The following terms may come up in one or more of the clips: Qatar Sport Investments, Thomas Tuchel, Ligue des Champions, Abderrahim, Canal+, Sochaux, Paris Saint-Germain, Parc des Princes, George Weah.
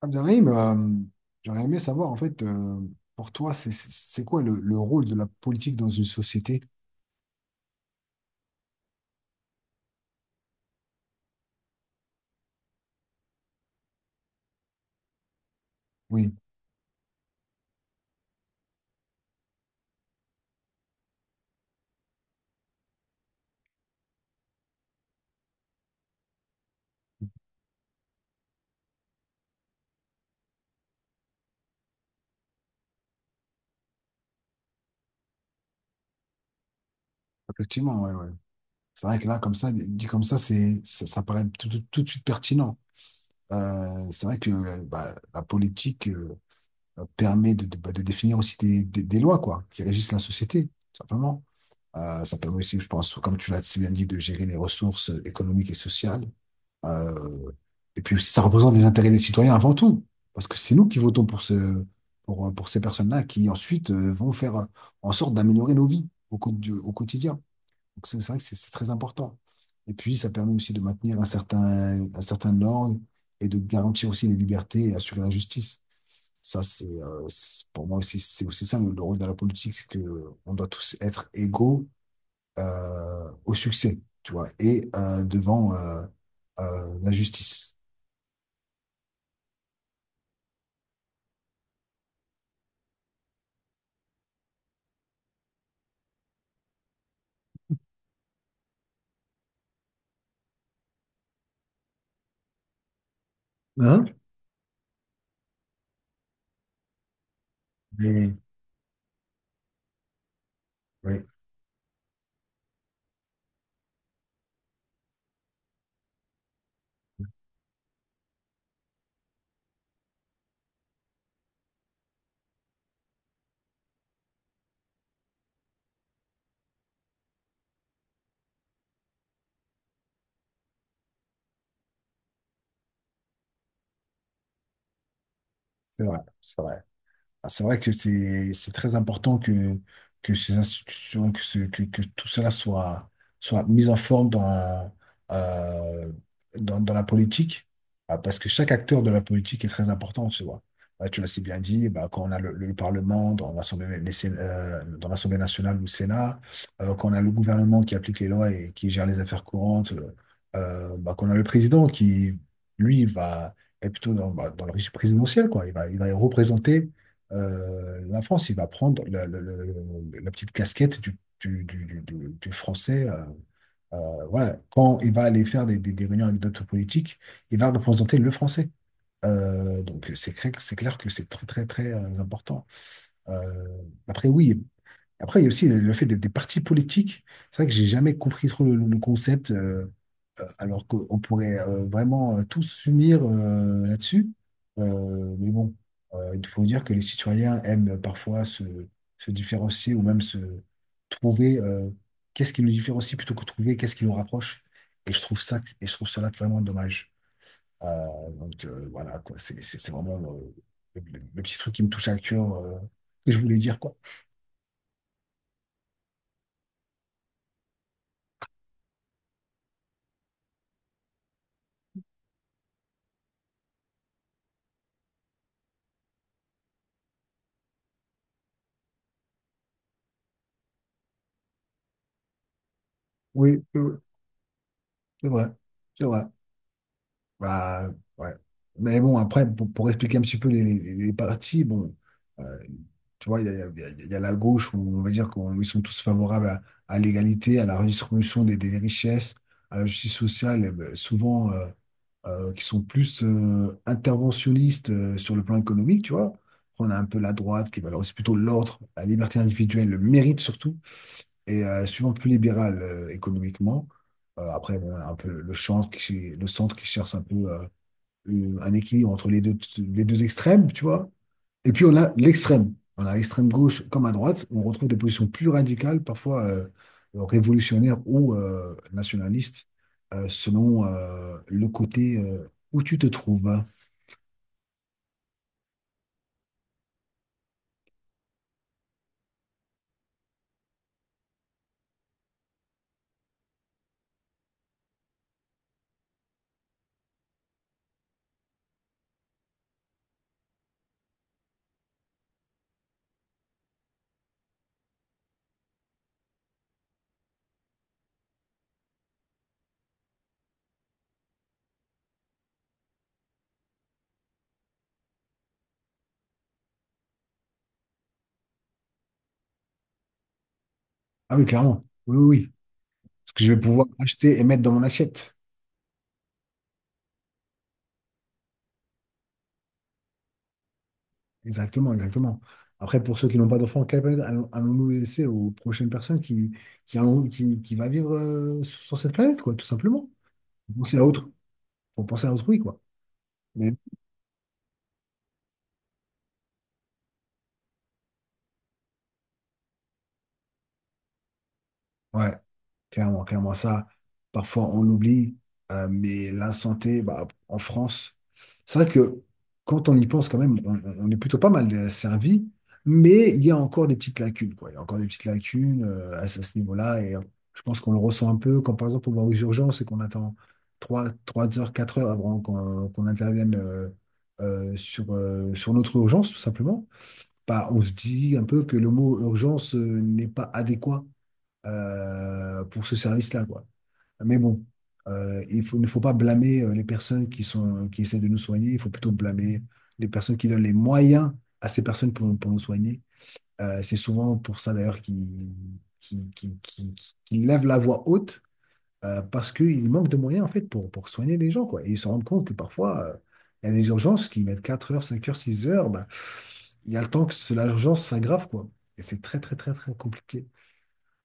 Abderrahim, j'aurais aimé savoir, en fait, pour toi, c'est quoi le rôle de la politique dans une société? Oui, effectivement, ouais, ouais. C'est vrai que là, comme ça, dit comme ça, ça paraît tout de suite pertinent. C'est vrai que bah, la politique permet bah, de définir aussi des lois, quoi, qui régissent la société, tout simplement. Ça permet aussi, je pense, comme tu l'as si bien dit, de gérer les ressources économiques et sociales. Euh, et puis aussi, ça représente les intérêts des citoyens avant tout, parce que c'est nous qui votons pour pour ces personnes-là qui ensuite vont faire en sorte d'améliorer nos vies au quotidien. Donc c'est vrai que c'est très important. Et puis, ça permet aussi de maintenir un certain ordre et de garantir aussi les libertés et assurer la justice. Ça, pour moi aussi, c'est aussi ça le rôle de la politique, c'est que on doit tous être égaux au succès, tu vois, et devant la justice. Hein? Oui, oui, c'est vrai, c'est vrai. Ah, c'est vrai que c'est très important que ces institutions que que tout cela soit soit mis en forme dans euh, dans la politique. Ah, parce que chaque acteur de la politique est très important, tu vois. Ah, tu l'as si bien dit, bah, quand on a le Parlement dans dans l'Assemblée nationale ou le Sénat, quand on a le gouvernement qui applique les lois et qui gère les affaires courantes, bah, qu'on a le président qui lui va est plutôt dans, bah, dans le régime présidentiel, quoi. Il va représenter la France, il va prendre la petite casquette du français. Voilà. Quand il va aller faire des réunions avec d'autres politiques, il va représenter le français. Donc c'est clair que c'est très très très important. Euh, Après oui, après, il y a aussi le fait des partis politiques. C'est vrai que j'ai jamais compris trop le concept, alors qu'on pourrait vraiment tous s'unir là-dessus. Mais bon, il faut dire que les citoyens aiment parfois se différencier ou même se trouver qu'est-ce qui nous différencie plutôt que trouver qu'est-ce qui nous rapproche. Et je trouve cela vraiment dommage. Euh, donc voilà, quoi, c'est vraiment le petit truc qui me touche à cœur, que je voulais dire, quoi. Oui, c'est vrai, c'est vrai. Bah, ouais. Mais bon, après, pour expliquer un petit peu les partis, bon, euh, tu vois, il y a, il y a- il y a il y a la gauche où on va dire qu'ils sont tous favorables à l'égalité, à la redistribution des richesses, à la justice sociale, souvent qui sont plus interventionnistes sur le plan économique, tu vois. Après, on a un peu la droite qui valorise plutôt l'ordre, la liberté individuelle, le mérite surtout, et souvent plus libéral économiquement. Après, bon, on a un peu le centre qui cherche un peu un équilibre entre les deux extrêmes, tu vois. Et puis on a l'extrême. On a l'extrême gauche comme à droite. On retrouve des positions plus radicales, parfois révolutionnaires ou nationalistes, selon le côté où tu te trouves. Ah oui, clairement. Oui, oui, oui. Ce que je vais pouvoir acheter et mettre dans mon assiette. Exactement, exactement. Après, pour ceux qui n'ont pas d'enfants, allons-nous laisser aux prochaines personnes qui va vivre sur sur cette planète, quoi, tout simplement. Faut penser à autrui, faut penser à autrui, quoi. Mais ouais. Clairement, clairement, ça, parfois on l'oublie, mais la santé, bah, en France, c'est vrai que quand on y pense quand même, on est plutôt pas mal servi, mais il y a encore des petites lacunes, quoi. Il y a encore des petites lacunes à ce niveau-là, et je pense qu'on le ressent un peu quand, par exemple, on va aux urgences et qu'on attend trois heures, 4 heures avant qu'on intervienne sur notre urgence, tout simplement. Bah, on se dit un peu que le mot urgence n'est pas adéquat pour ce service-là, quoi. Mais bon, il ne faut pas blâmer les personnes qui sont, qui essaient de nous soigner. Il faut plutôt blâmer les personnes qui donnent les moyens à ces personnes pour nous soigner. C'est souvent pour ça d'ailleurs qu'ils qui lèvent la voix haute parce qu'ils manquent de moyens en fait pour soigner les gens, quoi. Et ils se rendent compte que parfois, il y a des urgences qui mettent 4 heures, 5 heures, 6 heures. Bah, il y a le temps que l'urgence s'aggrave, quoi. Et c'est très, très, très, très compliqué.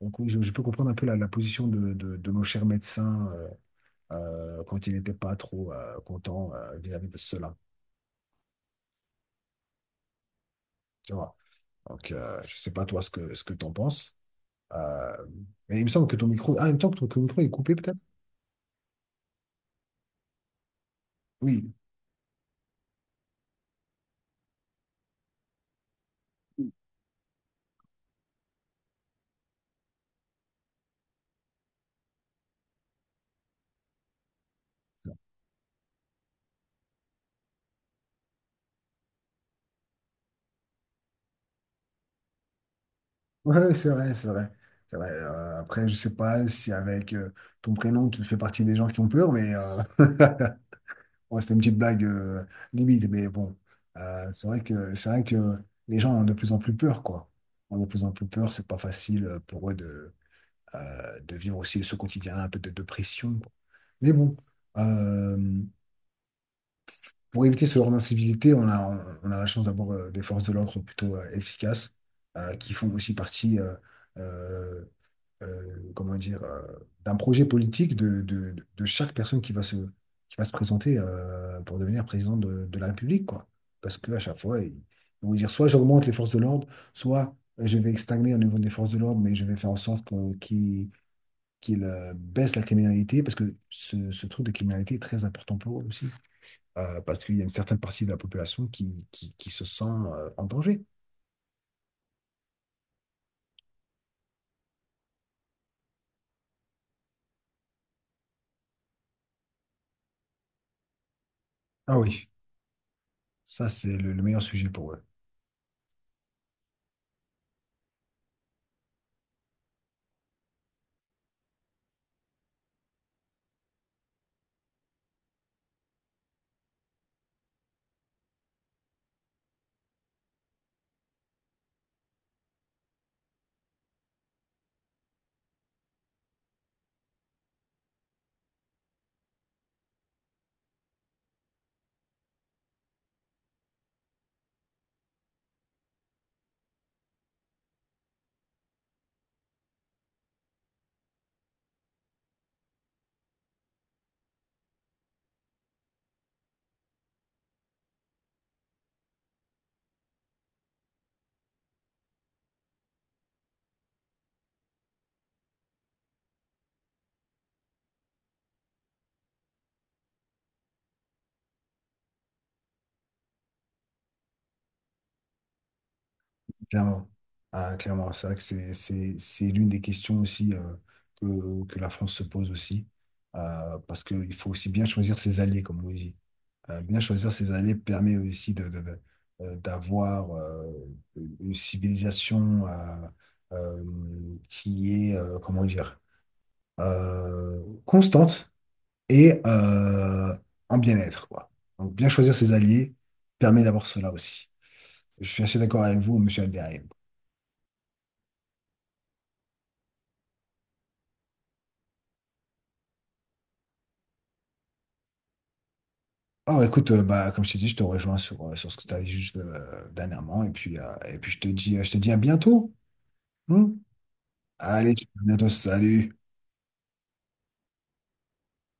Donc oui, je peux comprendre un peu la position de nos chers médecins, quand ils n'étaient pas trop contents vis-à-vis de cela, tu vois. Donc je sais pas toi ce que t'en penses. Euh, mais il me semble que ton micro, ah, il me semble que ton micro est coupé peut-être. Oui. Ouais, ouais, c'est vrai, c'est vrai. C'est vrai. Après, je sais pas si avec ton prénom tu fais partie des gens qui ont peur, mais Bon, c'était une petite blague limite, mais bon, c'est vrai que les gens ont de plus en plus peur, quoi. Ont de plus en plus peur, c'est pas facile pour eux de vivre aussi ce quotidien-là, un peu de dépression, quoi. Mais bon, euh, pour éviter ce genre d'incivilité, on a la chance d'avoir des forces de l'ordre plutôt efficaces, qui font aussi partie euh, euh, comment dire, euh, d'un projet politique de chaque personne qui va se présenter pour devenir président de la République, quoi. Parce qu'à chaque fois, ils vont dire soit j'augmente les forces de l'ordre, soit je vais stagner au niveau des forces de l'ordre, mais je vais faire en sorte qu'ils, baissent la criminalité, parce que ce truc de criminalité est très important pour eux aussi. Parce qu'il y a une certaine partie de la population qui se sent en danger. Ah oui. Ça, c'est le meilleur sujet pour eux. Clairement. Ah, clairement, c'est vrai que c'est l'une des questions aussi que la France se pose aussi. Parce qu'il faut aussi bien choisir ses alliés, comme on dit. Bien choisir ses alliés permet aussi d'avoir une civilisation euh, qui est, constante et en bien-être, quoi. Donc, bien choisir ses alliés permet d'avoir cela aussi. Je suis assez d'accord avec vous, monsieur Abderrahim. Ah, écoute, bah, comme je t'ai dit, je te rejoins sur, sur ce que tu as dit juste dernièrement. Et puis, je te dis, à bientôt, hein. Allez, à bientôt, salut.